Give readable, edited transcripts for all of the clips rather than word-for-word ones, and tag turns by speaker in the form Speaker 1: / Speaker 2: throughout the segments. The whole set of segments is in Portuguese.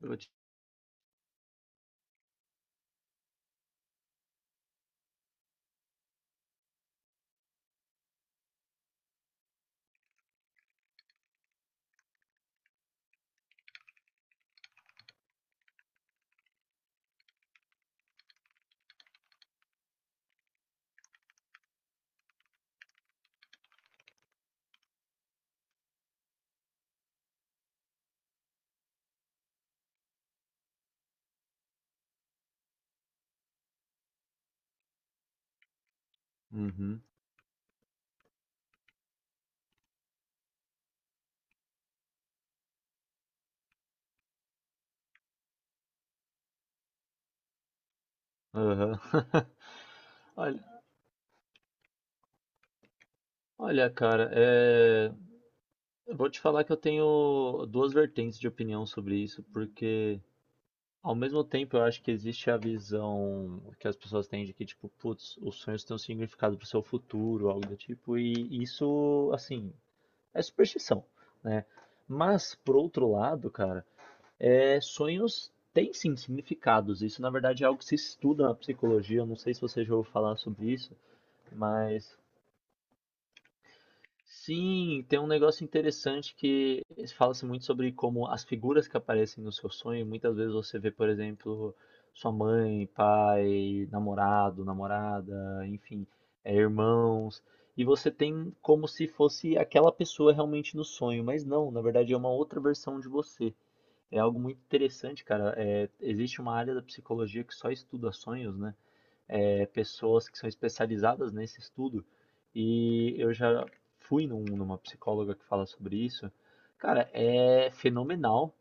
Speaker 1: Eu vou te- Uhum. Aham. Olha, olha, cara, eu vou te falar que eu tenho duas vertentes de opinião sobre isso, porque ao mesmo tempo eu acho que existe a visão que as pessoas têm de que, tipo, putz, os sonhos têm um significado pro seu futuro, algo do tipo, e isso, assim, é superstição, né? Mas, por outro lado, cara, sonhos têm sim significados. Isso, na verdade, é algo que se estuda na psicologia. Eu não sei se você já ouviu falar sobre isso, mas. Sim, tem um negócio interessante que fala-se muito sobre como as figuras que aparecem no seu sonho, muitas vezes você vê, por exemplo, sua mãe, pai, namorado, namorada, enfim, irmãos, e você tem como se fosse aquela pessoa realmente no sonho, mas não, na verdade é uma outra versão de você. É algo muito interessante, cara. É, existe uma área da psicologia que só estuda sonhos, né? É, pessoas que são especializadas nesse estudo e eu já numa psicóloga que fala sobre isso. Cara, é fenomenal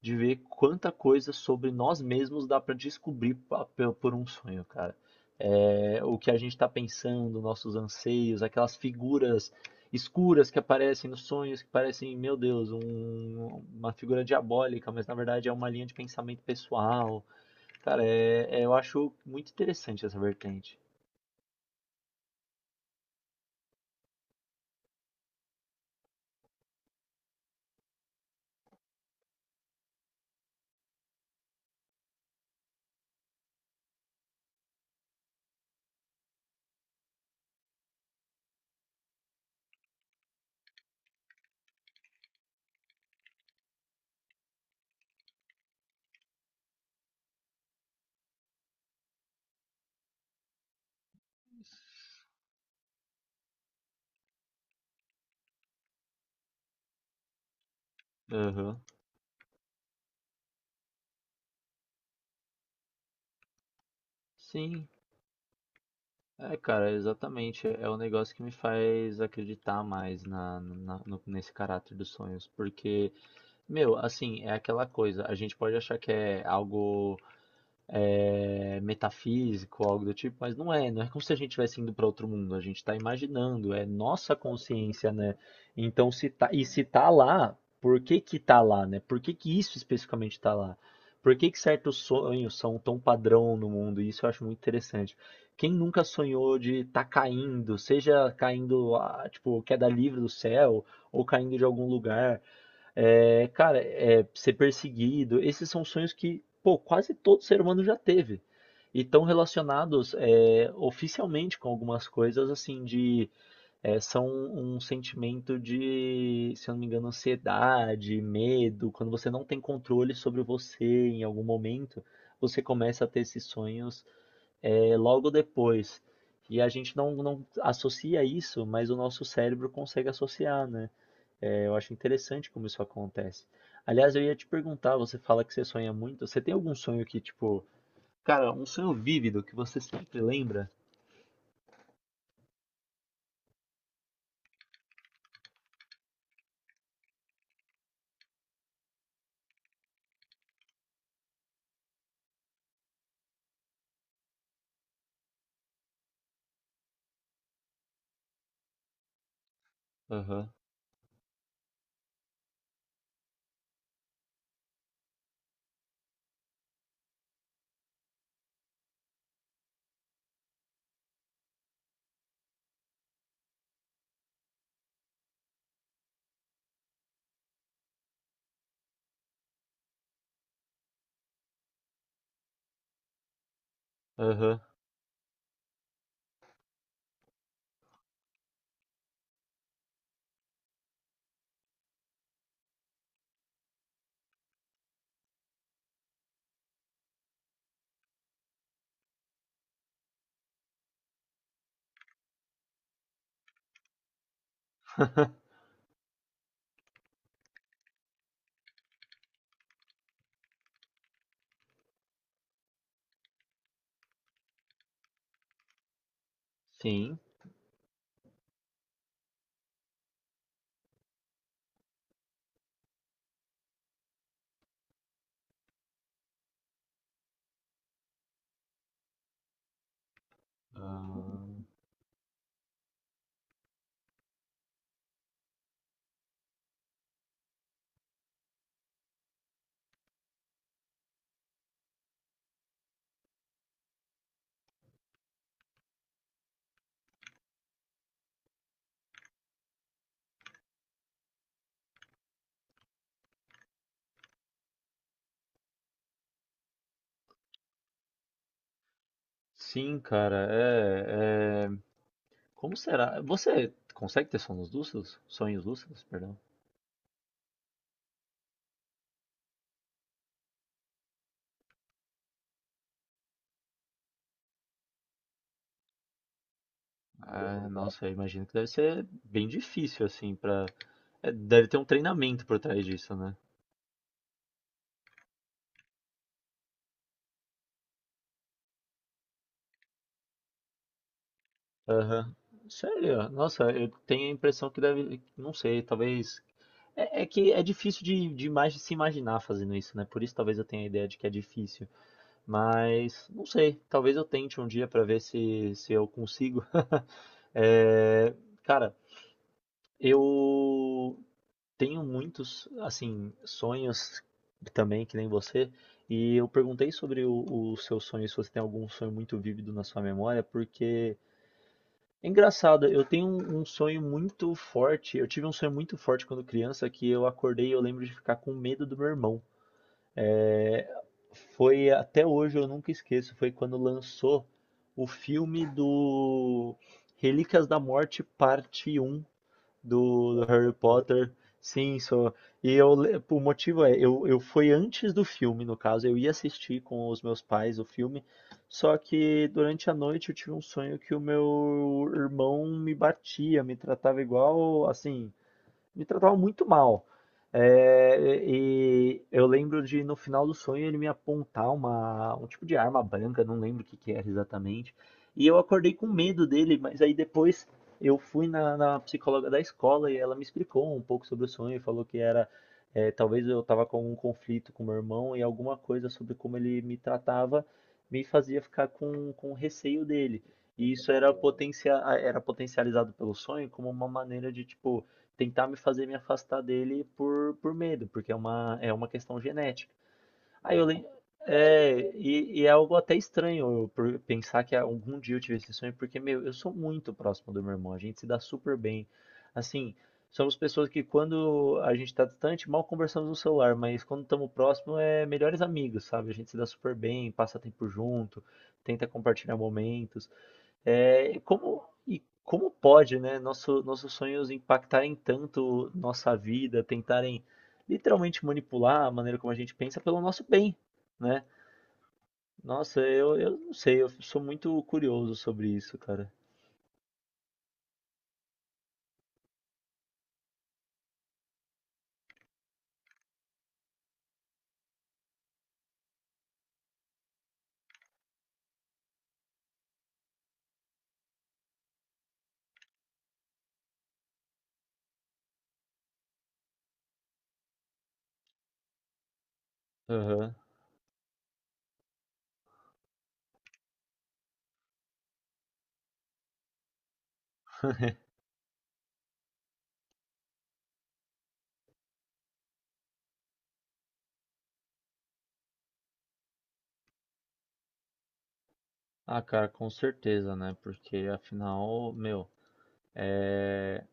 Speaker 1: de ver quanta coisa sobre nós mesmos dá para descobrir por um sonho, cara. É, o que a gente está pensando, nossos anseios, aquelas figuras escuras que aparecem nos sonhos, que parecem, meu Deus, uma figura diabólica, mas na verdade é uma linha de pensamento pessoal. Cara, eu acho muito interessante essa vertente. Aham. Sim, é, cara, exatamente. É o negócio que me faz acreditar mais nesse caráter dos sonhos. Porque, meu, assim, é aquela coisa. A gente pode achar que é algo metafísico, algo do tipo, mas não é, não é como se a gente estivesse indo para outro mundo, a gente está imaginando, é nossa consciência, né? Então, se tá, e se tá lá, por que que tá lá, né? Por que que isso especificamente tá lá? Por que que certos sonhos são tão padrão no mundo? Isso eu acho muito interessante. Quem nunca sonhou de estar caindo, seja caindo, ah, tipo, queda livre do céu, ou caindo de algum lugar, ser perseguido, esses são sonhos que, pô, quase todo ser humano já teve. E estão relacionados oficialmente com algumas coisas, são um sentimento de, se eu não me engano, ansiedade, medo. Quando você não tem controle sobre você em algum momento, você começa a ter esses sonhos logo depois. E a gente não associa isso, mas o nosso cérebro consegue associar, né? É, eu acho interessante como isso acontece. Aliás, eu ia te perguntar, você fala que você sonha muito. Você tem algum sonho que, tipo, cara, um sonho vívido que você sempre lembra? Aham, aham, sim. Ah, sim, cara, como será? Você consegue ter sonhos lúcidos? Sonhos lúcidos, perdão. Ah, nossa, eu imagino que deve ser bem difícil, assim. Deve ter um treinamento por trás disso, né? Aham. Sério? Nossa, eu tenho a impressão que deve. Não sei, talvez. É que é difícil de se imaginar fazendo isso, né? Por isso talvez eu tenha a ideia de que é difícil. Mas, não sei, talvez eu tente um dia pra ver se, se eu consigo. É, cara, eu tenho muitos, assim, sonhos também, que nem você. E eu perguntei sobre o seu sonho, se você tem algum sonho muito vívido na sua memória, porque. É engraçado, eu tenho um sonho muito forte. Eu tive um sonho muito forte quando criança que eu acordei e eu lembro de ficar com medo do meu irmão. É, Foi até hoje, eu nunca esqueço, foi quando lançou o filme do Relíquias da Morte Parte Um do, do Harry Potter. Sim, só. E eu, o motivo é, eu fui antes do filme, no caso, eu ia assistir com os meus pais o filme, só que durante a noite eu tive um sonho que o meu irmão me batia, me tratava igual, assim, me tratava muito mal. É, e eu lembro de no final do sonho ele me apontar um tipo de arma branca, não lembro o que que era exatamente. E eu acordei com medo dele, mas aí depois eu fui na psicóloga da escola e ela me explicou um pouco sobre o sonho e falou que era talvez eu estava com um conflito com meu irmão e alguma coisa sobre como ele me tratava me fazia ficar com receio dele. E isso era potencializado pelo sonho como uma maneira de, tipo, tentar me fazer me afastar dele por medo, porque é uma questão genética. Aí eu lembro. E é algo até estranho eu por pensar que algum dia eu tive esse sonho, porque, meu, eu sou muito próximo do meu irmão, a gente se dá super bem. Assim, somos pessoas que quando a gente tá distante, mal conversamos no celular, mas quando estamos próximos é melhores amigos, sabe? A gente se dá super bem, passa tempo junto, tenta compartilhar momentos. É, e como pode, né, nossos sonhos impactarem tanto nossa vida, tentarem literalmente manipular a maneira como a gente pensa pelo nosso bem, né? Nossa, eu não sei, eu sou muito curioso sobre isso, cara. Aham. Ah, cara, com certeza, né? Porque afinal, meu, é,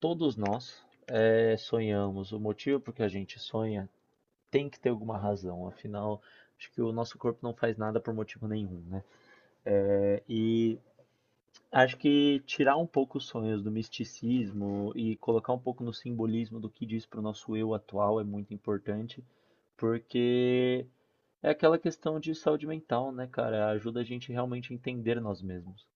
Speaker 1: todos nós sonhamos. O motivo por que a gente sonha tem que ter alguma razão. Afinal, acho que o nosso corpo não faz nada por motivo nenhum, né? Acho que tirar um pouco os sonhos do misticismo e colocar um pouco no simbolismo do que diz para o nosso eu atual é muito importante, porque é aquela questão de saúde mental, né, cara? Ajuda a gente realmente a entender nós mesmos.